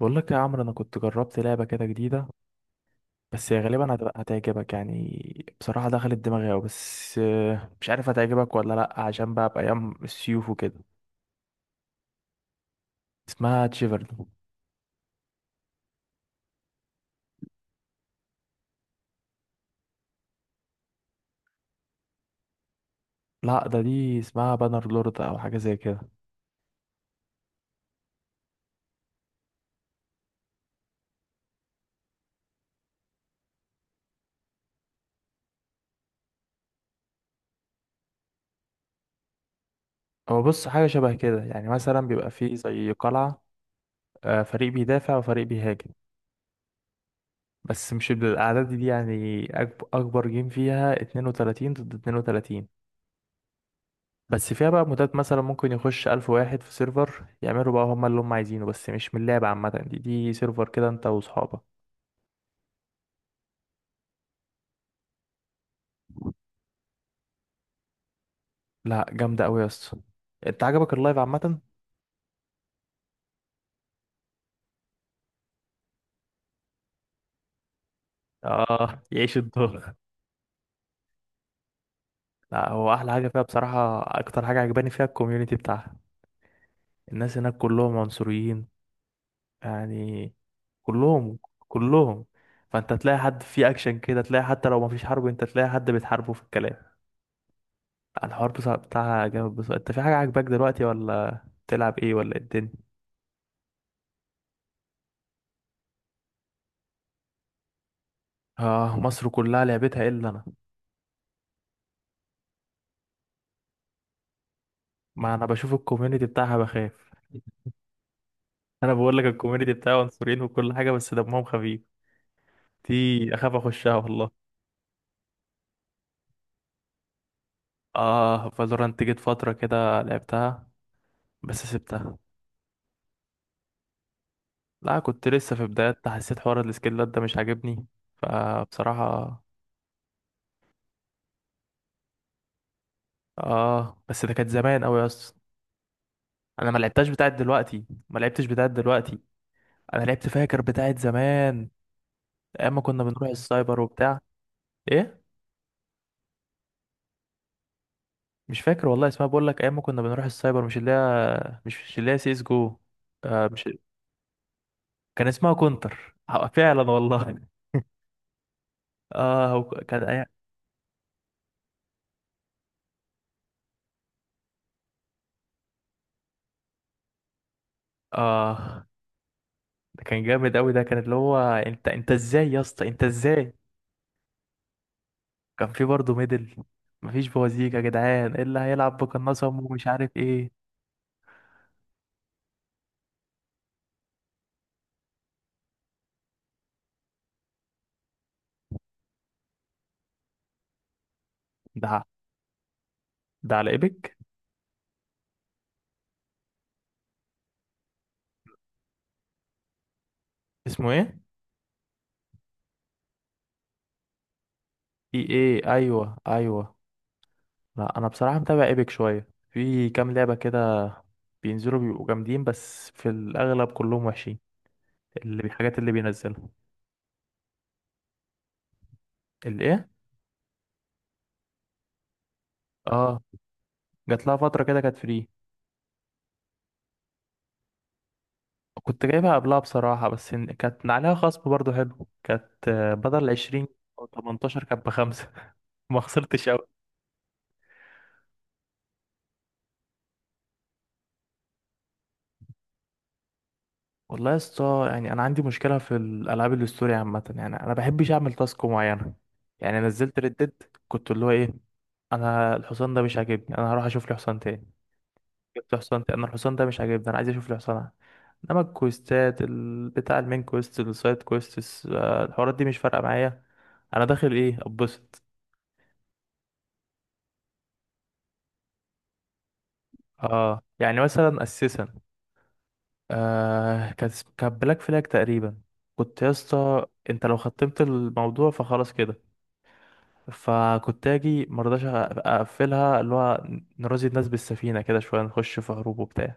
بقول لك يا عمرو، انا كنت جربت لعبه كده جديده، بس هي غالبا هتعجبك يعني. بصراحه دخلت دماغي أوي، بس مش عارف هتعجبك ولا لا عشان بقى بايام السيوف وكده. اسمها تشيفرد. لا ده دي اسمها بانر لورد او حاجه زي كده. هو بص، حاجه شبه كده يعني. مثلا بيبقى فيه زي قلعه، فريق بيدافع وفريق بيهاجم. بس مش بالاعداد دي يعني. اكبر جيم فيها 32 ضد 32، بس فيها بقى مودات مثلا ممكن يخش ألف واحد في سيرفر يعملوا بقى هما اللي هما عايزينه، بس مش من اللعبة عامة، دي سيرفر كده انت وصحابك. لا جامدة أوي يا اسطى. انت عجبك اللايف عامة؟ اه يعيش الدور. لا هو أحلى حاجة فيها بصراحة، أكتر حاجة عجباني فيها الكوميونيتي بتاعها. الناس هناك كلهم عنصريين، يعني كلهم كلهم. فانت تلاقي حد فيه أكشن كده، تلاقي حتى لو مفيش حرب انت تلاقي حد بتحاربه في الكلام. الحوار بصراحة بتاعها جامد بصراحة. انت في حاجة عاجباك دلوقتي ولا بتلعب ايه ولا ايه الدنيا؟ اه مصر كلها لعبتها الا انا. ما انا بشوف الكوميونتي بتاعها بخاف. انا بقول لك الكوميونتي بتاعها عنصريين وكل حاجه، بس دمهم خفيف دي. اخاف اخشها والله. اه فالورانت جيت فتره كده لعبتها، بس سبتها. لا كنت لسه في بدايات. حسيت حوار السكيلات ده مش عاجبني فبصراحه. اه بس ده كانت زمان قوي يا اسطى. انا ما لعبتهاش بتاعت دلوقتي، ما لعبتش بتاعت دلوقتي. انا لعبت فاكر بتاعت زمان، ايام ما كنا بنروح السايبر وبتاع. ايه مش فاكر والله اسمها. بقول لك ايام ما كنا بنروح السايبر، مش اللي هي، مش اللي هي سي اس جو. آه مش، كان اسمها كونتر فعلا والله. اه هو كان أي... اه ده كان جامد قوي. ده كان اللي هو انت ازاي يا اسطى، انت ازاي؟ كان في برضه ميدل. مفيش بوازيك يا جدعان، إيه اللي هيلعب بقناصه ومش عارف ايه. ده ده على ايبك. اسمه ايه؟ اي ايه، ايوه ايوه. لا انا بصراحه متابع ايبك شويه، في كام لعبه كده بينزلوا بيبقوا جامدين، بس في الاغلب كلهم وحشين. اللي الحاجات اللي بينزلها، الايه؟ اه، جات لها فتره كده كانت فري. كنت جايبها قبلها بصراحه، بس كانت عليها خصم برضو حلو. كانت بدل 20 او 18، كانت بخمسه. ما خسرتش قوي. والله يا اسطى، يعني انا عندي مشكله في الالعاب الاستوري عامه. يعني انا بحبش اعمل تاسك معينه. يعني نزلت ردد، كنت اللي هو ايه، انا الحصان ده مش عاجبني، انا هروح اشوف لي حصان تاني. جبت حصان تاني. انا الحصان ده مش عاجبني، انا عايز اشوف الحصان. انما الكويستات بتاع المين كويست، السايد كويست، الحوارات دي مش فارقه معايا. انا داخل ايه، اتبسط. اه يعني مثلا اساسا، آه كانت كانت بلاك فلاج تقريبا. كنت يا اسطى، انت لو ختمت الموضوع فخلاص كده. فكنت اجي مرضاش اقفلها اللي هو، نرازي الناس بالسفينه كده شويه، نخش في هروب وبتاع.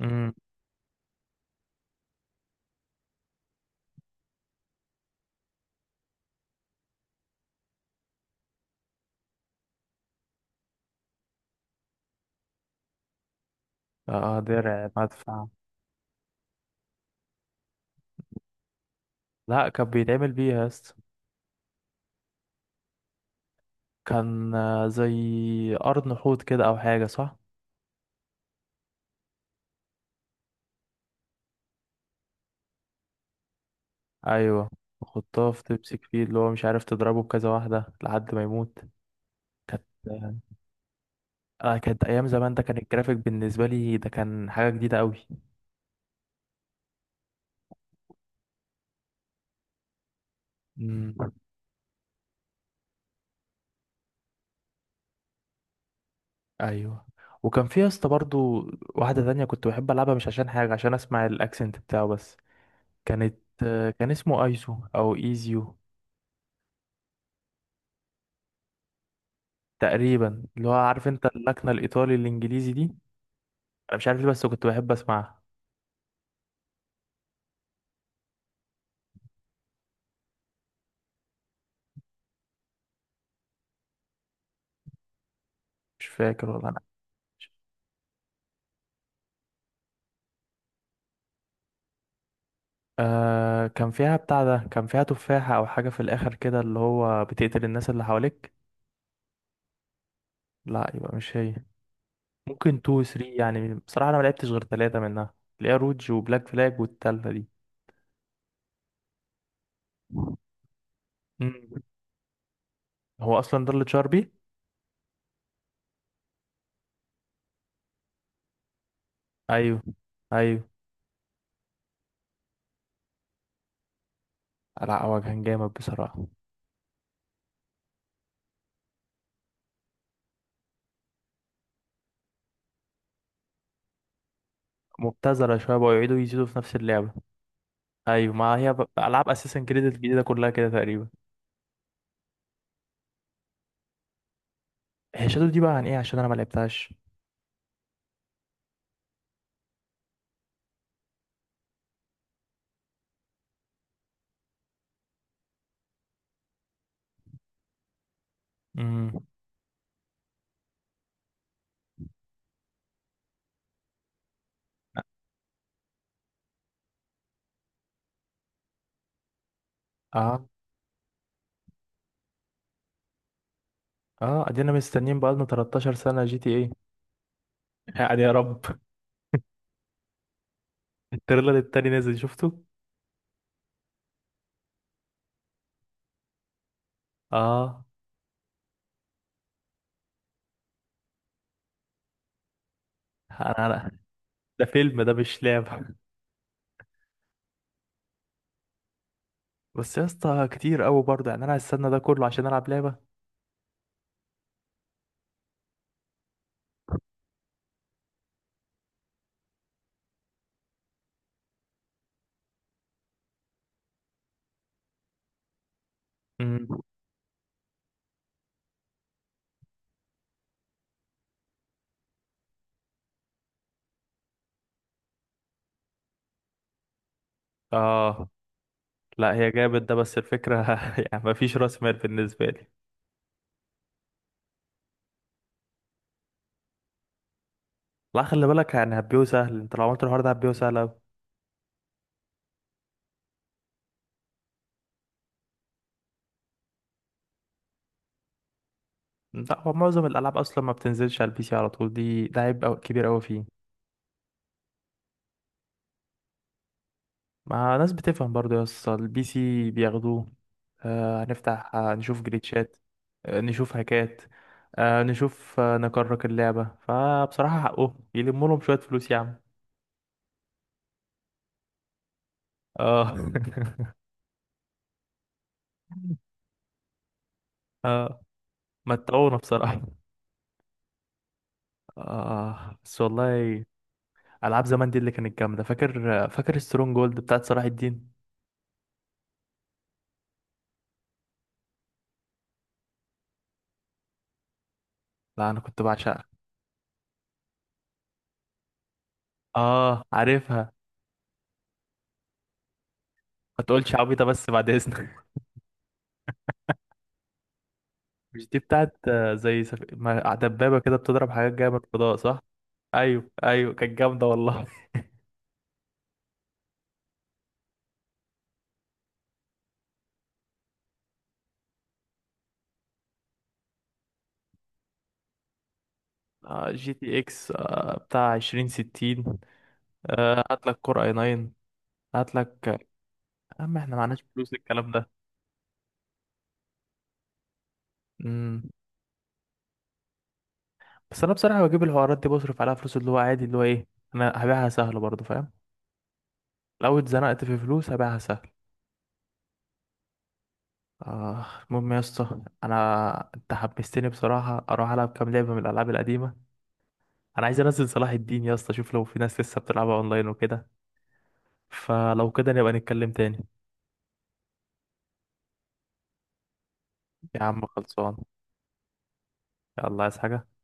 امم، اه درع مدفع. لا كان بيتعمل بيها يا اسطى. كان زي قرن حوت كده او حاجه، صح؟ ايوه، وحطها في تمسك فيه اللي هو مش عارف، تضربه بكذا واحده لحد ما يموت. كانت، آه كانت ايام زمان. ده كان الجرافيك بالنسبه لي ده كان حاجه جديده قوي. امم، ايوه. وكان في يا اسطى برضو واحده تانية كنت بحب العبها، مش عشان حاجه، عشان اسمع الاكسنت بتاعه بس. كانت آه، كان اسمه ايزو او ايزيو تقريبا. اللي هو عارف انت اللكنه الايطالي الانجليزي دي. انا مش عارف ليه بس كنت بحب اسمعها. مش فاكر والله انا. آه كان فيها بتاع، ده كان فيها تفاحة أو حاجة في الآخر كده اللي هو بتقتل الناس اللي حواليك. لا يبقى مش هي. ممكن تو ثري يعني. بصراحة أنا ملعبتش غير تلاتة منها، اللي هي روج وبلاك فلاج والتالتة دي. مم. هو أصلا ده اللي اتشهر بيه. أيوه أيوه. لا هو كان جامد بصراحة. مبتذلة شوية، بقوا يعيدوا يزيدوا في نفس اللعبة. أيوه ما هي، ألعاب أساسا كريد الجديدة كلها كده تقريبا. هي شادو دي بقى عن إيه؟ عشان أنا ملعبتهاش. مم. اه اه، ادينا مستنيين بقالنا 13 سنة جي تي إيه. يعني يا رب. التريلر التاني نازل، شفته؟ اه، انا ده فيلم، ده مش لعبة. بس يا اسطى كتير قوي برضه يعني. انا هستنى ده كله عشان العب لعبة؟ امم، اه. لا هي جامد ده، بس الفكرة يعني مفيش راس مال بالنسبة لي. لا خلي بالك، يعني هبيو سهل. انت لو عملت الحوار ده هبيو سهل أوي. لا هو معظم الالعاب اصلا ما بتنزلش على البي سي على طول. ده عيب كبير قوي فيه. ما ناس بتفهم برضه يا اسطى، البي سي بياخدوه. هنفتح، نشوف جليتشات، نشوف هكات، آه، نشوف آه، نكرك اللعبة. فبصراحة حقه يلموا لهم شوية فلوس يا عم. اه. اه متعونا بصراحة. اه بس والله، ألعاب زمان دي اللي كانت جامدة. فاكر فاكر سترونج جولد بتاعت صلاح الدين؟ لا أنا كنت بعشقها. اه عارفها. ما تقولش عبيطة بس بعد إذنك. مش دي بتاعت آه، زي سف... ما- دبابة كده بتضرب حاجات جاية من الفضاء، صح؟ أيوه أيوه كانت جامدة والله. جي تي اكس بتاع عشرين ستين، هات لك كور اي ناين، هات لك يا عم، احنا معناش فلوس الكلام ده. مم. بس انا بصراحة بجيب الحوارات دي، بصرف عليها فلوس اللي هو عادي، اللي هو ايه، انا هبيعها سهل برضه، فاهم؟ لو اتزنقت في فلوس هبيعها سهل. آه المهم يا اسطى، انا انت حمستني بصراحة اروح العب كام لعبة من الالعاب القديمة. انا عايز انزل صلاح الدين يا اسطى اشوف لو في ناس لسه بتلعبها اونلاين وكده. فلو كده نبقى نتكلم تاني. يا عم خلصان. يلا عايز حاجة؟